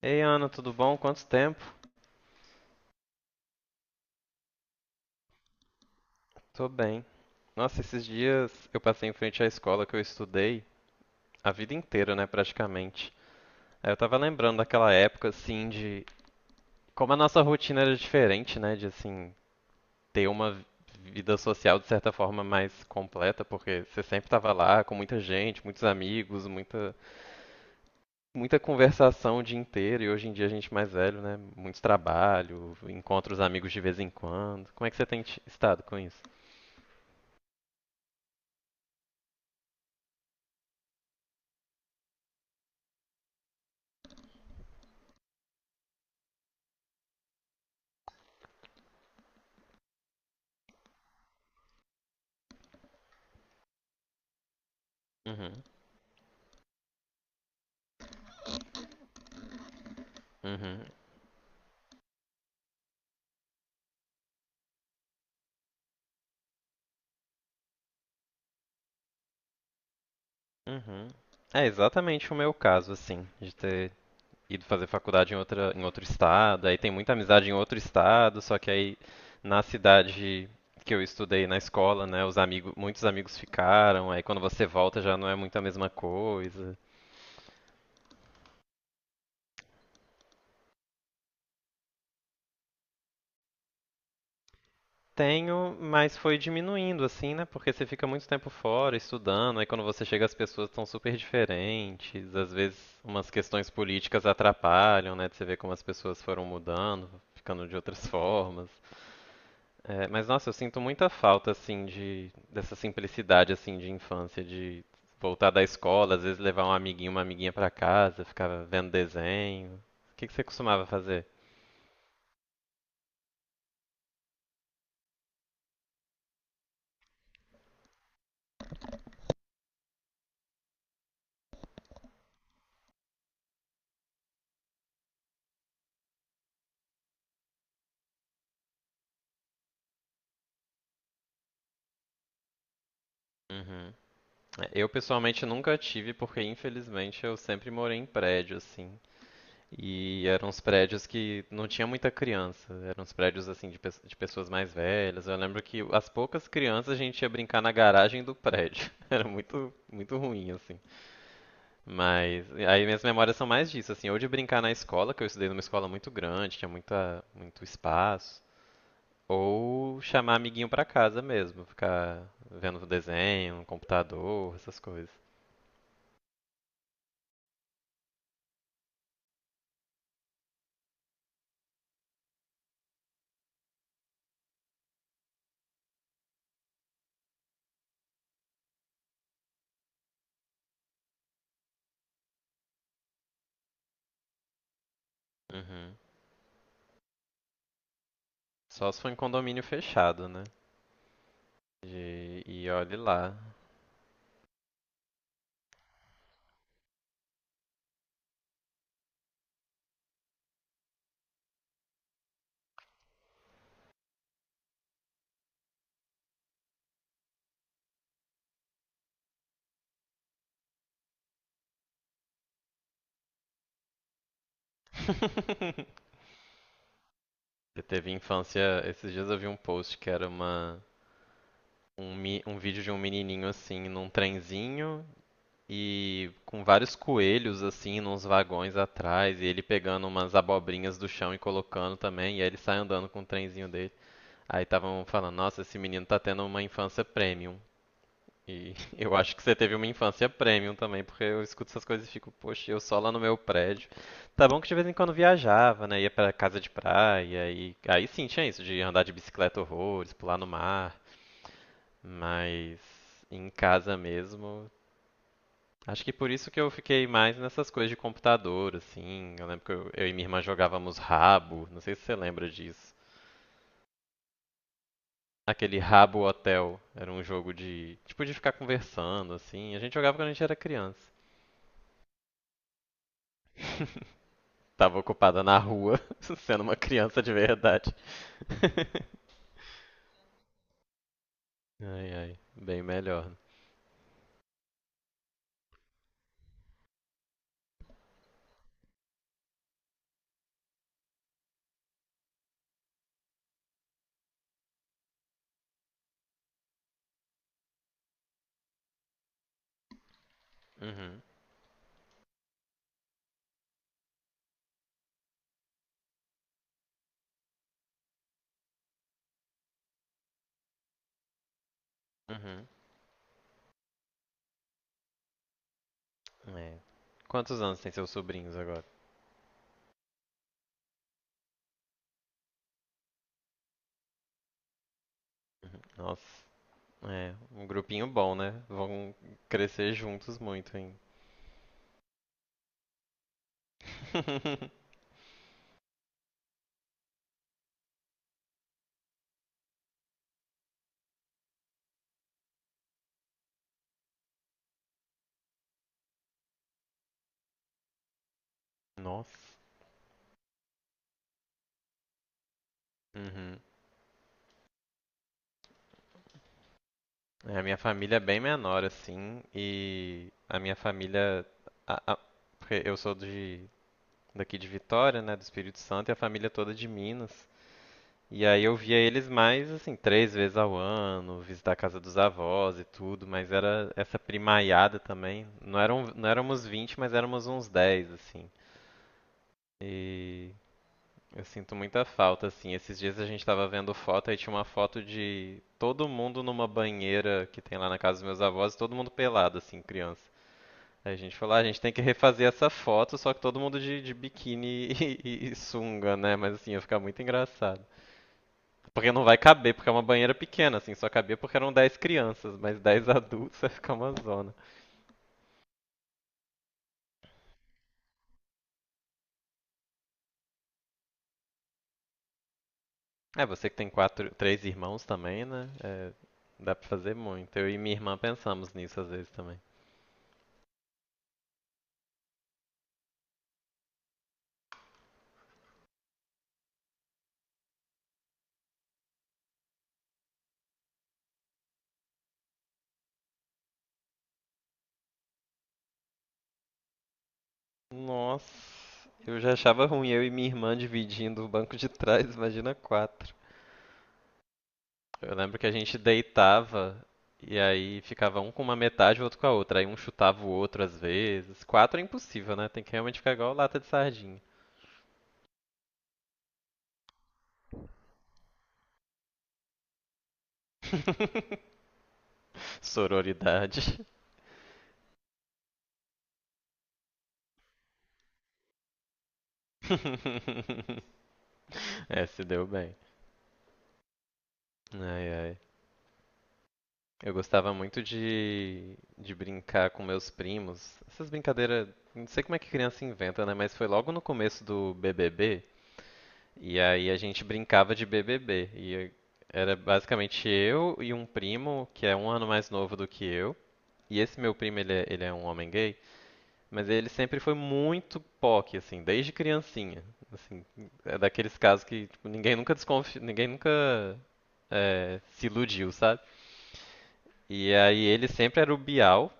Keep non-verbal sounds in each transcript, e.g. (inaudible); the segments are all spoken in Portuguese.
Ei, Ana, tudo bom? Quanto tempo? Tô bem. Nossa, esses dias eu passei em frente à escola que eu estudei a vida inteira, né, praticamente. Aí eu tava lembrando daquela época, assim, de como a nossa rotina era diferente, né, de, assim, ter uma vida social de certa forma mais completa, porque você sempre tava lá com muita gente, muitos amigos, muita, muita conversação o dia inteiro, e hoje em dia a gente mais velho, né, muito trabalho, encontra os amigos de vez em quando. Como é que você tem estado com isso? Uhum. Uhum. Uhum. É exatamente o meu caso, assim, de ter ido fazer faculdade em outro estado, aí tem muita amizade em outro estado, só que aí na cidade que eu estudei na escola, né, os amigos, muitos amigos ficaram, aí quando você volta já não é muito a mesma coisa. Tenho, mas foi diminuindo, assim, né, porque você fica muito tempo fora estudando, aí quando você chega as pessoas estão super diferentes, às vezes umas questões políticas atrapalham, né, de você ver como as pessoas foram mudando, ficando de outras formas. É, mas nossa, eu sinto muita falta assim de dessa simplicidade assim de infância, de voltar da escola, às vezes levar um amiguinho, uma amiguinha pra casa, ficar vendo desenho. O que que você costumava fazer? Uhum. É, eu pessoalmente nunca tive, porque infelizmente eu sempre morei em prédio assim. E eram uns prédios que não tinha muita criança, eram uns prédios assim de pessoas mais velhas. Eu lembro que as poucas crianças a gente ia brincar na garagem do prédio. (laughs) Era muito muito ruim assim. Mas aí minhas memórias são mais disso, assim, ou de brincar na escola, que eu estudei numa escola muito grande, tinha muita, muito espaço, ou chamar amiguinho pra casa mesmo, ficar vendo desenho, no computador, essas coisas. Uhum. Só se for em condomínio fechado, né? E olhe lá. (laughs) Você teve infância. Esses dias eu vi um post que era um vídeo de um menininho assim, num trenzinho, e com vários coelhos assim nos vagões atrás, e ele pegando umas abobrinhas do chão e colocando também, e aí ele sai andando com o trenzinho dele. Aí estavam falando, nossa, esse menino tá tendo uma infância premium. E (laughs) eu acho que você teve uma infância premium também, porque eu escuto essas coisas e fico, poxa, eu só lá no meu prédio. Tá bom que de vez em quando viajava, né? Ia pra casa de praia, e aí sim tinha isso, de andar de bicicleta horrores, pular no mar, mas em casa mesmo acho que por isso que eu fiquei mais nessas coisas de computador, assim. Eu lembro que eu e minha irmã jogávamos rabo, não sei se você lembra disso. Aquele Rabo Hotel era um jogo de, tipo, de ficar conversando, assim. A gente jogava quando a gente era criança. (laughs) Tava ocupada na rua, (laughs) sendo uma criança de verdade. (laughs) Ai, ai, bem melhor. Uhum, uhum, é. Quantos anos tem seus sobrinhos agora? Uhum. Nossa, é, um grupinho bom, né? Vão crescer juntos muito, hein? (laughs) Nossa. Uhum. É, a minha família é bem menor, assim, e a minha família. a- a- Porque eu sou de, daqui de Vitória, né, do Espírito Santo, e a família é toda de Minas. E aí eu via eles mais, assim, três vezes ao ano, visitar a casa dos avós e tudo, mas era essa primaiada também. Não eram, não éramos 20, mas éramos uns 10 assim. E eu sinto muita falta, assim. Esses dias a gente tava vendo foto e tinha uma foto de todo mundo numa banheira que tem lá na casa dos meus avós, todo mundo pelado, assim, criança. Aí a gente falou, ah, a gente tem que refazer essa foto, só que todo mundo de biquíni (laughs) e sunga, né? Mas assim, ia ficar muito engraçado. Porque não vai caber, porque é uma banheira pequena, assim, só cabia porque eram 10 crianças, mas 10 (laughs) adultos vai ficar uma zona. É, você que tem três irmãos também, né? É, dá pra fazer muito. Eu e minha irmã pensamos nisso às vezes também. Nossa, eu já achava ruim eu e minha irmã dividindo o banco de trás, imagina quatro. Eu lembro que a gente deitava e aí ficava um com uma metade e o outro com a outra. Aí um chutava o outro às vezes. Quatro é impossível, né? Tem que realmente ficar igual lata de sardinha. (laughs) Tudo bem. Ai, ai. Eu gostava muito de brincar com meus primos. Essas brincadeiras, não sei como é que criança inventa, né? Mas foi logo no começo do BBB, e aí a gente brincava de BBB. E era basicamente eu e um primo, que é um ano mais novo do que eu. E esse meu primo, ele é um homem gay, mas ele sempre foi muito POC, assim, desde criancinha. Assim, é daqueles casos que tipo, ninguém nunca desconfia, ninguém nunca se iludiu, sabe? E aí ele sempre era o Bial,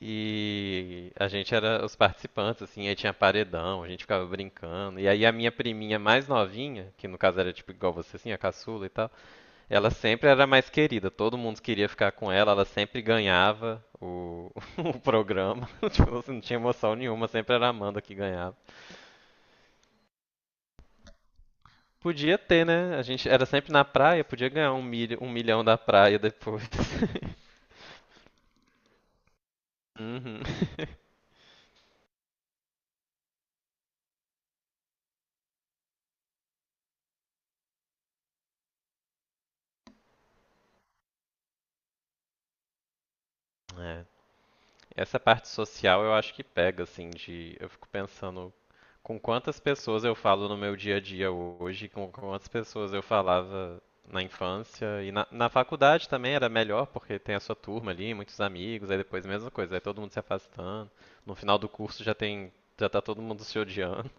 e a gente era os participantes, assim, aí tinha paredão, a gente ficava brincando. E aí a minha priminha mais novinha, que no caso era tipo igual você, assim, a caçula e tal, ela sempre era mais querida, todo mundo queria ficar com ela, ela sempre ganhava o, (laughs) o programa. (laughs) Tipo, assim, não tinha emoção nenhuma, sempre era a Amanda que ganhava. Podia ter, né? A gente era sempre na praia, podia ganhar um milhão da praia depois. (laughs) Uhum. (laughs) É, essa parte social eu acho que pega, assim, de. Eu fico pensando com quantas pessoas eu falo no meu dia a dia hoje, com quantas pessoas eu falava na infância. E na faculdade também era melhor, porque tem a sua turma ali, muitos amigos, aí depois a mesma coisa, aí todo mundo se afastando. No final do curso já tem. Já tá todo mundo se odiando.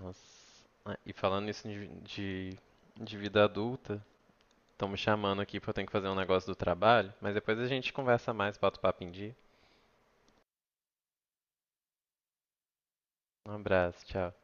Nossa. Ah, e falando isso de vida adulta, estão me chamando aqui porque eu tenho que fazer um negócio do trabalho, mas depois a gente conversa mais, bota o papo em dia. Um abraço, tchau.